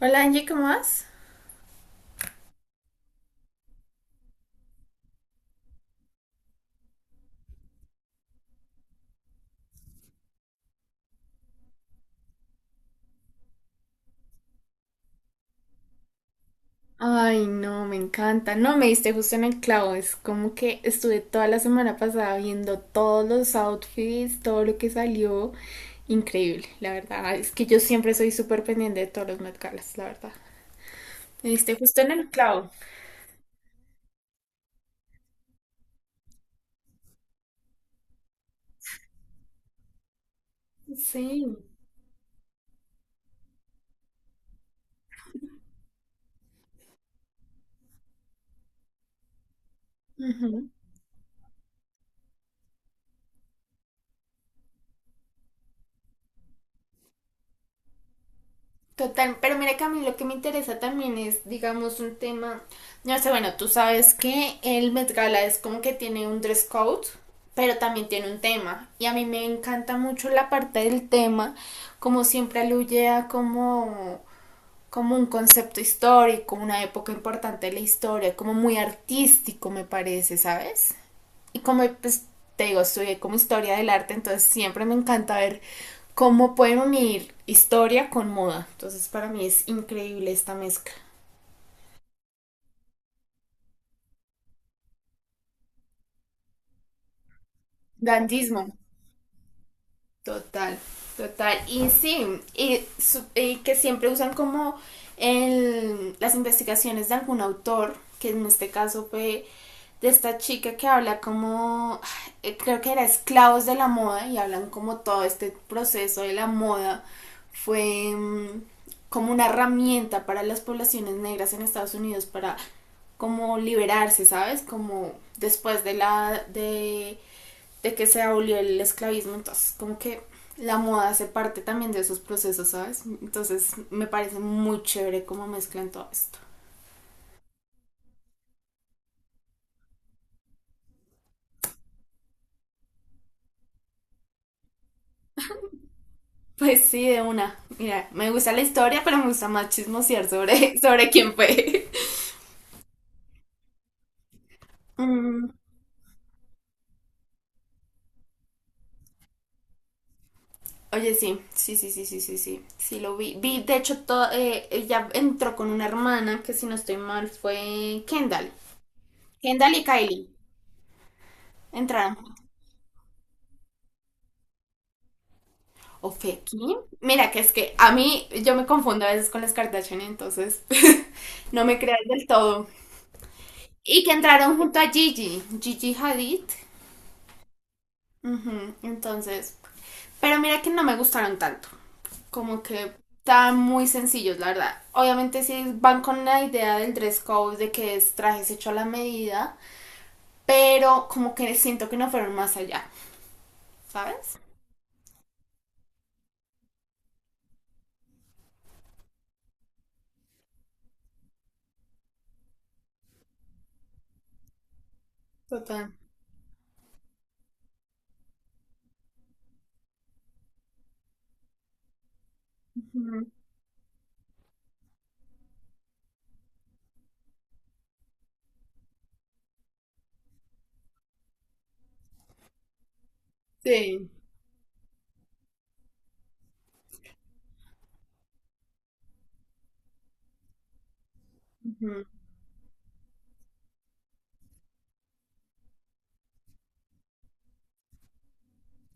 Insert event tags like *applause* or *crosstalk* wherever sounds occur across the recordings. Hola Angie, ¿cómo vas? Ay, no, me encanta. No, me diste justo en el clavo. Es como que estuve toda la semana pasada viendo todos los outfits, todo lo que salió. Increíble, la verdad. Es que yo siempre soy súper pendiente de todos los Met Galas, la verdad. Me diste justo en el clavo. Sí. Total, pero mira que a mí lo que me interesa también es, digamos, un tema, no sé, bueno, tú sabes que el Met Gala es como que tiene un dress code, pero también tiene un tema, y a mí me encanta mucho la parte del tema, como siempre aluye a como, como un concepto histórico, una época importante de la historia, como muy artístico me parece, ¿sabes? Y como pues te digo, estudié como historia del arte, entonces siempre me encanta ver cómo pueden unir historia con moda. Entonces para mí es increíble esta mezcla. Dandismo. Total, total. Y sí, y, y que siempre usan como las investigaciones de algún autor, que en este caso fue de esta chica que habla como, creo que era esclavos de la moda, y hablan como todo este proceso de la moda fue como una herramienta para las poblaciones negras en Estados Unidos para como liberarse, ¿sabes? Como después de la, de que se abolió el esclavismo, entonces como que la moda hace parte también de esos procesos, ¿sabes? Entonces me parece muy chévere cómo mezclan todo esto. Pues sí, de una. Mira, me gusta la historia, pero me gusta más chismosear sobre, *laughs* sobre quién fue. *laughs* Mm. Oye, sí, sí, sí, sí, sí, sí, sí, sí lo vi. Vi, de hecho, todo, ella entró con una hermana que si no estoy mal fue Kendall. Kendall y Kylie entraron. ¿O fue Kim? Mira, que es que a mí yo me confundo a veces con las Kardashian, entonces *laughs* no me creas del todo. Y que entraron junto a Gigi, Gigi Hadid. Ujú. Entonces, pero mira que no me gustaron tanto. Como que estaban muy sencillos, la verdad. Obviamente sí van con la idea del dress code, de que es trajes hecho a la medida, pero como que siento que no fueron más allá, ¿sabes? Total. Ujú. Sí. Ujú.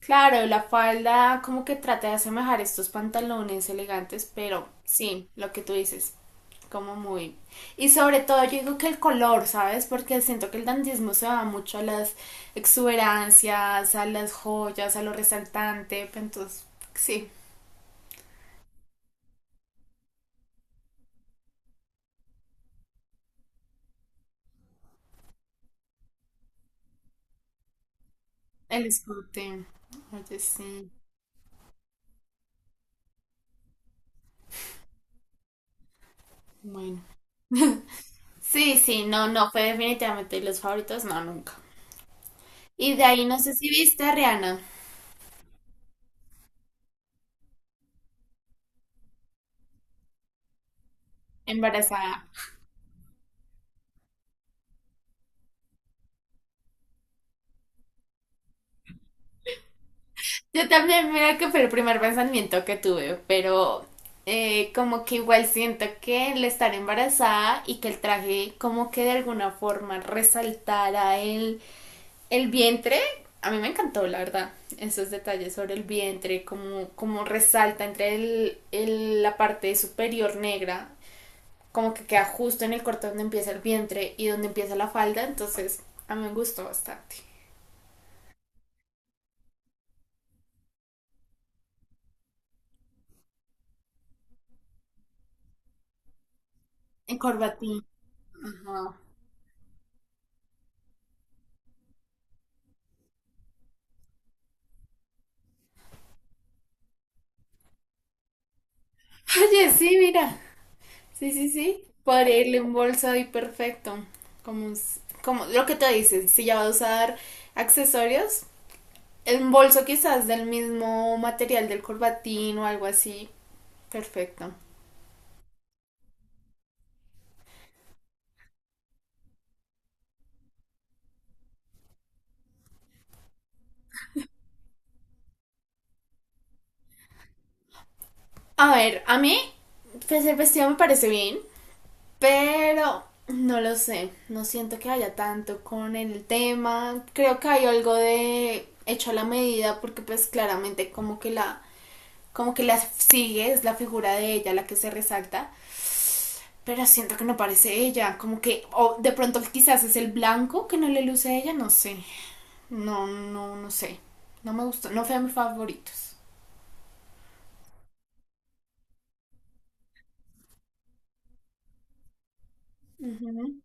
Claro, la falda como que trata de asemejar estos pantalones elegantes, pero sí, lo que tú dices, como muy... Y sobre todo yo digo que el color, ¿sabes? Porque siento que el dandismo se va mucho a las exuberancias, a las joyas, a lo resaltante, pero entonces, sí, el escote. Oye, sí, bueno. Sí, sí, no, no, fue definitivamente los favoritos, no, nunca. Y de ahí no sé si viste a Rihanna embarazada. Yo también, mira que fue el primer pensamiento que tuve, pero como que igual siento que el estar embarazada y que el traje como que de alguna forma resaltara el vientre, a mí me encantó, la verdad, esos detalles sobre el vientre, como, como resalta entre el, la parte superior negra, como que queda justo en el corte donde empieza el vientre y donde empieza la falda, entonces a mí me gustó bastante. En corbatín. Ajá. Oye, sí, mira. Sí, sí, sí. Podría irle un bolso y perfecto. Como, como lo que te dicen, si ya va a usar accesorios, un bolso quizás del mismo material del corbatín o algo así. Perfecto. A ver, a mí pues, el vestido me parece bien, pero no lo sé. No siento que haya tanto con el tema. Creo que hay algo de hecho a la medida porque pues claramente como que la sigue, es la figura de ella la que se resalta. Pero siento que no parece ella, como que, o de pronto quizás es el blanco que no le luce a ella, no sé. No, no, no sé. No me gustó, no fue de mis favoritos. Ujú.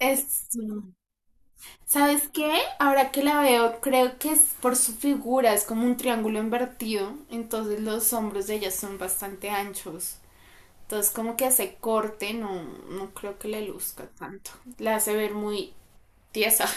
Es, ¿sabes qué? Ahora que la veo, creo que es por su figura, es como un triángulo invertido, entonces los hombros de ella son bastante anchos. Entonces como que hace corte, no, no creo que le luzca tanto. La hace ver muy tiesa.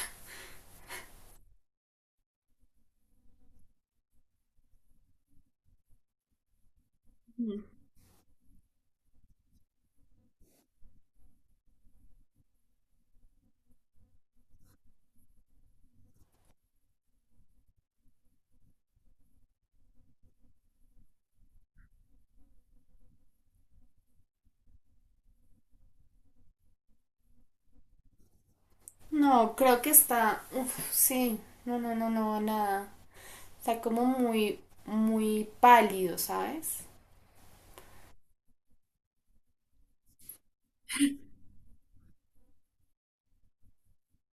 No, creo que está, uf, sí, no, no, no, no, nada. Está como muy, muy pálido, ¿sabes?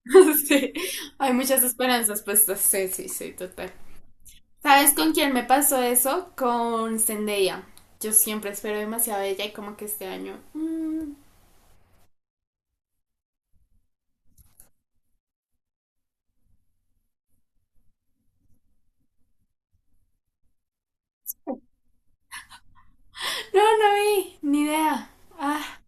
*laughs* Sí, hay muchas esperanzas puestas. Sí, sí, sí, total. ¿Sabes con quién me pasó eso? Con Zendaya. Yo siempre espero demasiado de ella y como que este año... no, no vi, ni idea. Ah,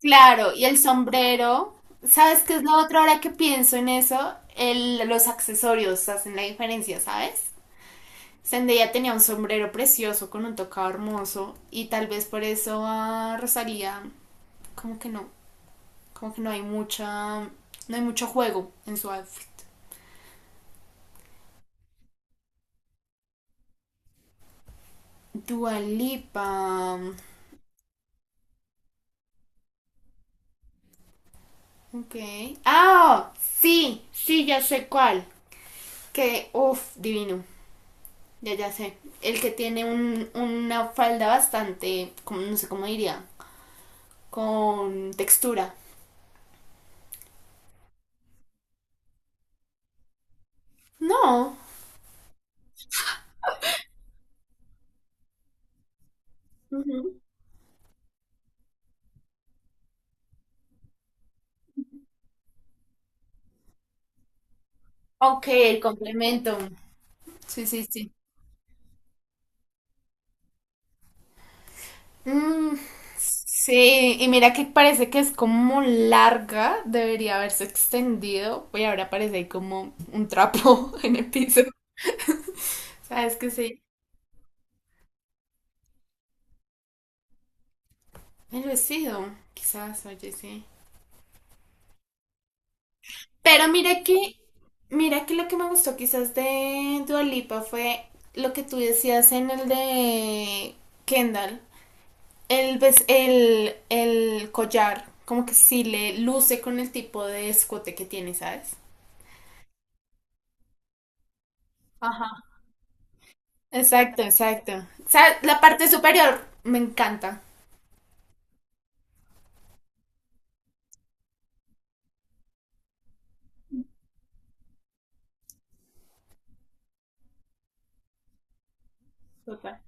claro, y el sombrero. ¿Sabes qué es lo otro ahora que pienso en eso? El, los accesorios hacen la diferencia, ¿sabes? Zendaya tenía un sombrero precioso con un tocado hermoso y tal vez por eso a Rosalía como que no, como que no hay mucha, no hay mucho juego en su outfit. Dua Lipa, ok. Ah, sí, sí, ya sé cuál. Que, uff, divino, ya ya sé. El que tiene un, una falda bastante, como, no sé cómo diría, con textura. No. Ujú. Ok, el complemento. Sí, sí, sí. Mm, sí, y mira que parece que es como larga, debería haberse extendido, y ahora parece ahí como un trapo *laughs* en el piso. ¿Sabes que sí? El vestido, quizás, oye, sí. Pero mira que lo que me gustó quizás de Dua Lipa fue lo que tú decías en el de Kendall. El, el collar, como que sí le luce con el tipo de escote que tiene, ¿sabes? Exacto, exacto. O sea, la parte superior me encanta. Total.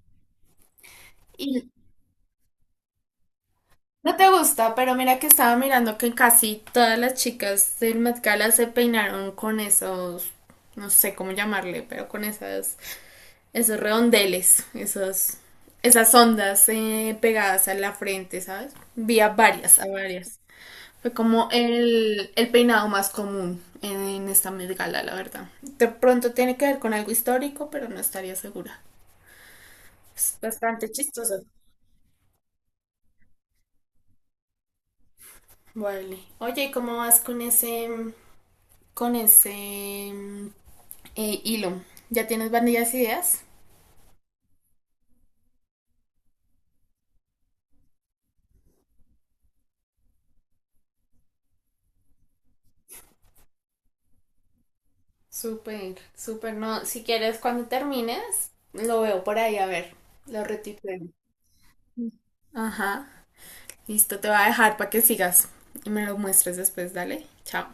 Y no te gusta, pero mira que estaba mirando que casi todas las chicas del Met Gala se peinaron con esos, no sé cómo llamarle, pero con esas, esos redondeles, esos, esas ondas pegadas a la frente, ¿sabes? Vi a varias, a varias. Fue como el peinado más común en, esta Met Gala, la verdad. De pronto tiene que ver con algo histórico, pero no estaría segura. Es bastante chistoso. Vale. Oye, ¿y cómo vas con ese hilo? ¿Ya tienes varias ideas? Súper, súper. No, si quieres, cuando termines, lo veo por ahí, a ver, lo retuiteo. Ajá. Listo, te voy a dejar para que sigas y me lo muestres después, dale. Chao.